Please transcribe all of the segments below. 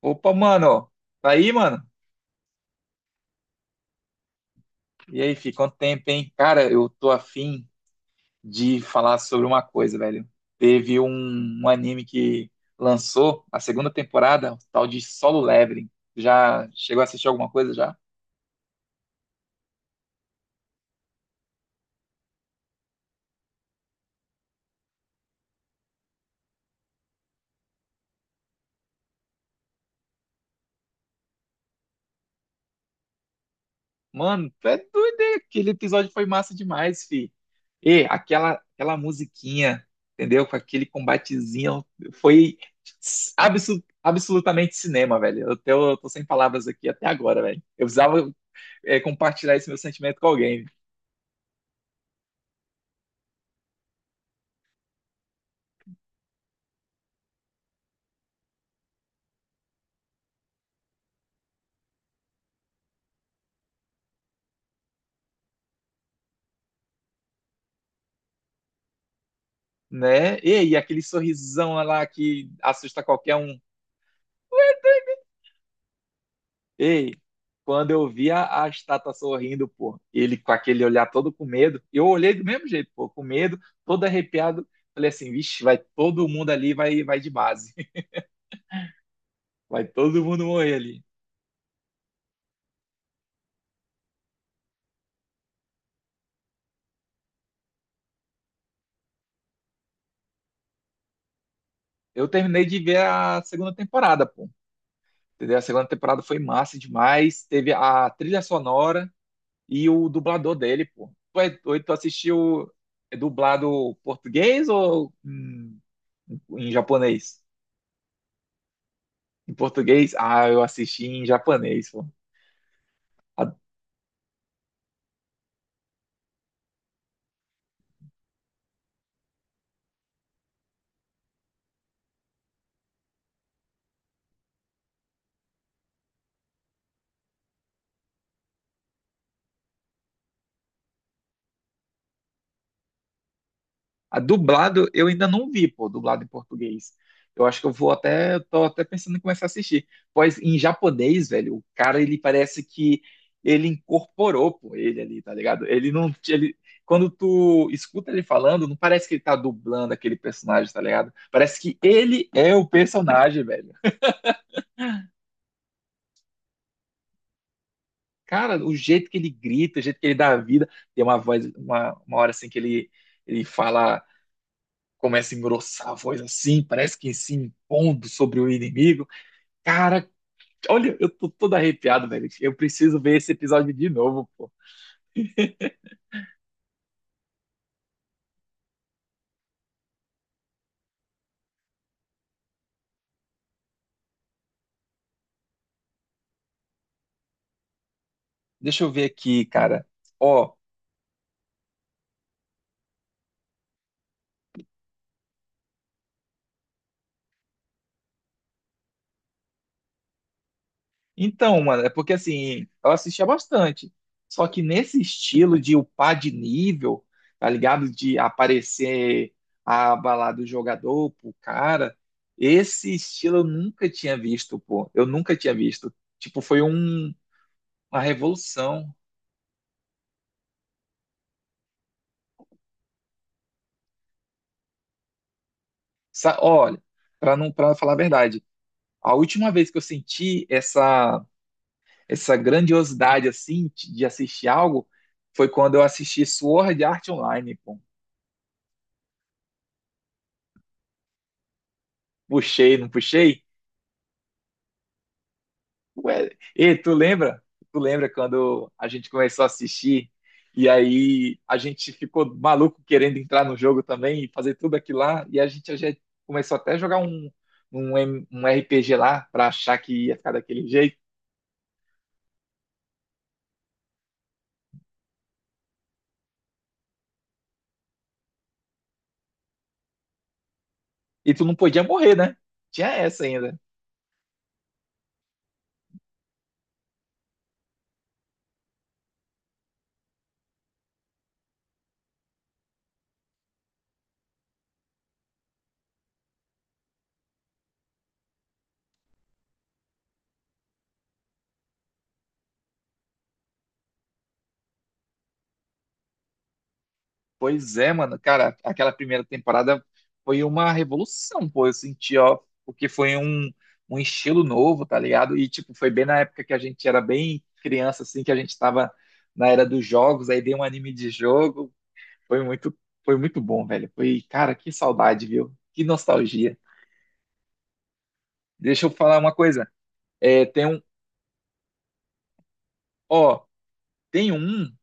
Opa, mano, tá aí, mano? E aí, fi, quanto tempo, hein? Cara, eu tô afim de falar sobre uma coisa, velho. Teve um anime que lançou a segunda temporada, o tal de Solo Leveling. Já chegou a assistir alguma coisa já? Mano, tu é doido, hein? Aquele episódio foi massa demais, fi. E aquela musiquinha, entendeu? Com aquele combatezinho, foi absolutamente cinema, velho. Eu tô sem palavras aqui até agora, velho. Eu precisava é, compartilhar esse meu sentimento com alguém, né? Ei, aquele sorrisão lá que assusta qualquer um. Ei, quando eu vi a estátua sorrindo, pô, ele com aquele olhar todo com medo, eu olhei do mesmo jeito, pô, com medo, todo arrepiado. Falei assim, vixe, vai todo mundo ali, vai, vai de base. Vai todo mundo morrer ali. Eu terminei de ver a segunda temporada, pô. Entendeu? A segunda temporada foi massa demais. Teve a trilha sonora, e o dublador dele, pô. Tu, é, tu assistiu é dublado português ou em, em japonês? Em português? Ah, eu assisti em japonês, pô. A dublado eu ainda não vi, pô, dublado em português. Eu acho que eu vou até, eu tô até pensando em começar a assistir. Pois em japonês, velho, o cara ele parece que ele incorporou, pô, ele ali, tá ligado? Ele não, ele, quando tu escuta ele falando, não parece que ele tá dublando aquele personagem, tá ligado? Parece que ele é o personagem, velho. Cara, o jeito que ele grita, o jeito que ele dá a vida, tem uma voz, uma hora assim que ele ele fala começa a engrossar a voz assim, parece que se impondo sobre o inimigo. Cara, olha, eu tô todo arrepiado, velho. Eu preciso ver esse episódio de novo, pô. Deixa eu ver aqui, cara. Ó, então, mano, é porque assim, eu assistia bastante. Só que nesse estilo de upar de nível, tá ligado? De aparecer a balada do jogador pro cara, esse estilo eu nunca tinha visto, pô. Eu nunca tinha visto. Tipo, foi uma revolução. Olha, para não para falar a verdade, a última vez que eu senti essa grandiosidade assim de assistir algo foi quando eu assisti Sword Art Online, pô. Puxei, não puxei? Ué, e tu lembra? Tu lembra quando a gente começou a assistir e aí a gente ficou maluco querendo entrar no jogo também e fazer tudo aquilo lá e a gente já começou até a jogar um RPG lá para achar que ia ficar daquele jeito e tu não podia morrer, né? Tinha essa ainda. Pois é, mano, cara, aquela primeira temporada foi uma revolução, pô, eu senti, ó, porque foi um estilo novo, tá ligado? E, tipo, foi bem na época que a gente era bem criança, assim, que a gente tava na era dos jogos, aí deu um anime de jogo, foi muito, foi muito bom, velho, foi, cara, que saudade, viu? Que nostalgia. Deixa eu falar uma coisa, é, ó, tem um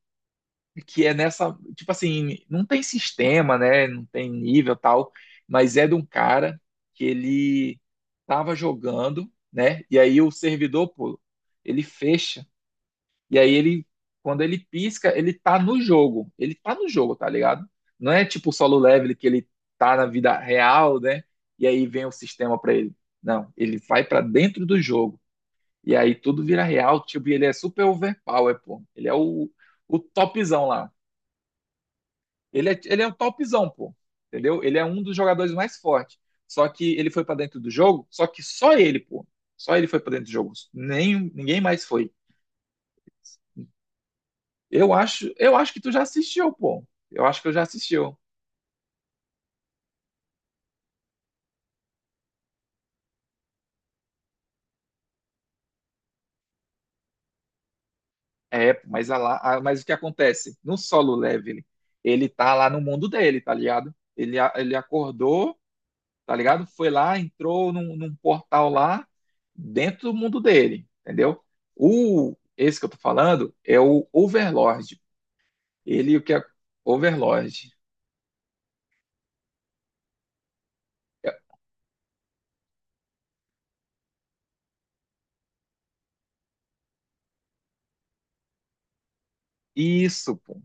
que é nessa, tipo assim, não tem sistema, né? Não tem nível tal, mas é de um cara que ele tava jogando, né? E aí o servidor, pô, ele fecha. E aí ele, quando ele pisca, ele tá no jogo. Ele tá no jogo, tá ligado? Não é tipo o solo level que ele tá na vida real, né? E aí vem o sistema pra ele. Não, ele vai pra dentro do jogo. E aí tudo vira real, tipo, e ele é super overpower, pô. O topzão lá. Ele é o topzão, pô. Entendeu? Ele é um dos jogadores mais fortes. Só que ele foi pra dentro do jogo, só que só ele, pô. Só ele foi pra dentro do jogo. Nem, ninguém mais foi. Eu acho que tu já assistiu, pô. Eu acho que eu já assistiu. É, pô, mas, a lá, mas o que acontece? No solo leveling, ele tá lá no mundo dele, tá ligado? Ele, ele acordou, tá ligado? Foi lá, entrou num portal lá, dentro do mundo dele, entendeu? O, esse que eu tô falando é o Overlord. Ele e o que é Overlord. Isso, pô.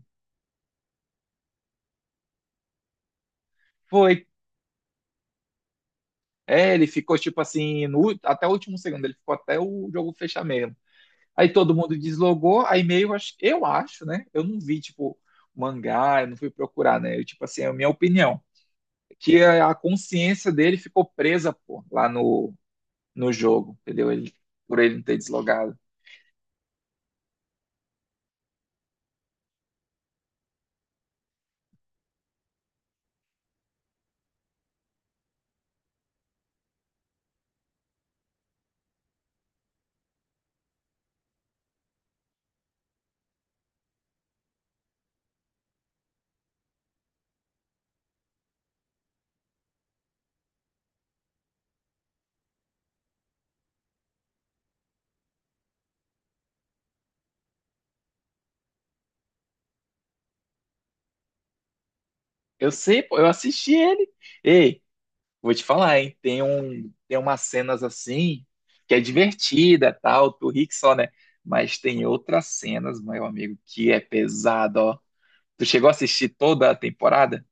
Foi. É, ele ficou tipo assim, no ú- até o último segundo, ele ficou até o jogo fechar mesmo. Aí todo mundo deslogou, aí meio, eu acho, né? Eu não vi, tipo, mangá, eu não fui procurar, né? Eu, tipo assim, é a minha opinião. Que a consciência dele ficou presa, pô, lá no, no jogo, entendeu? Ele, por ele não ter deslogado. Eu sei, pô, eu assisti ele. Ei, vou te falar, hein? Tem umas cenas assim que é divertida, tal, tu ri que só, né? Mas tem outras cenas, meu amigo, que é pesado, ó. Tu chegou a assistir toda a temporada?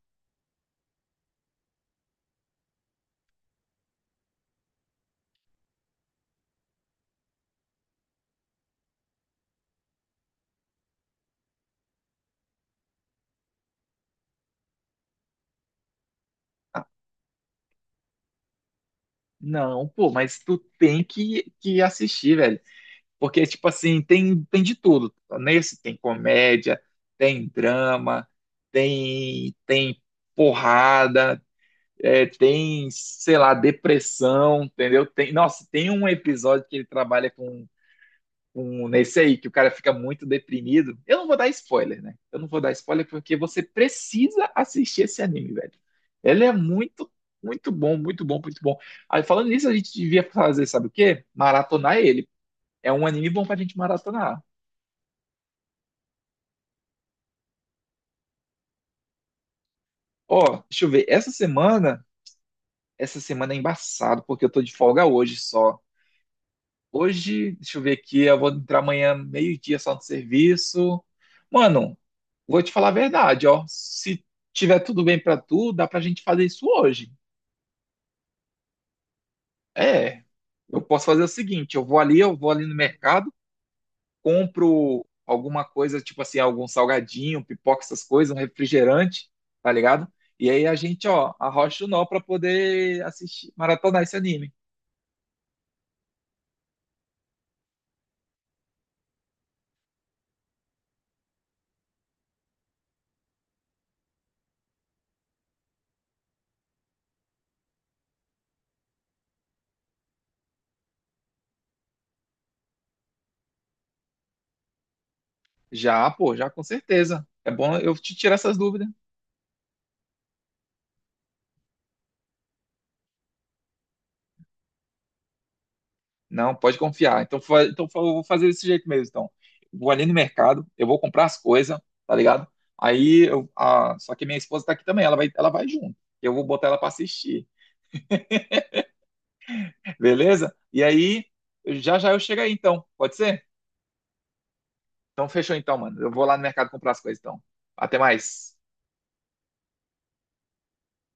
Ah, não, pô, mas tu tem que assistir, velho. Porque, tipo assim, tem de tudo. Nesse tem comédia, tem drama, tem porrada, é, tem, sei lá, depressão, entendeu? Tem, nossa, tem um episódio que ele trabalha com um nesse aí, que o cara fica muito deprimido. Eu não vou dar spoiler, né? Eu não vou dar spoiler porque você precisa assistir esse anime, velho. Ele é muito, muito bom, muito bom, muito bom. Aí, falando nisso, a gente devia fazer, sabe o quê? Maratonar ele. É um anime bom pra gente maratonar. Ó, deixa eu ver. Essa semana é embaçado, porque eu tô de folga hoje só. Hoje, deixa eu ver aqui, eu vou entrar amanhã meio-dia só no serviço. Mano, vou te falar a verdade, ó. Se tiver tudo bem pra tu, dá pra gente fazer isso hoje. É, eu posso fazer o seguinte, eu vou ali no mercado, compro alguma coisa, tipo assim, algum salgadinho, pipoca, essas coisas, um refrigerante, tá ligado? E aí a gente, ó, arrocha o nó pra poder assistir, maratonar esse anime. Já, pô, já com certeza. É bom eu te tirar essas dúvidas. Não, pode confiar. Então, eu vou fazer desse jeito mesmo. Então, vou ali no mercado, eu vou comprar as coisas, tá ligado? Aí, eu, ah, só que minha esposa tá aqui também, ela vai junto. Eu vou botar ela pra assistir, beleza? E aí, já já eu chego aí, então. Pode ser? Então, fechou então, mano. Eu vou lá no mercado comprar as coisas, então. Até mais.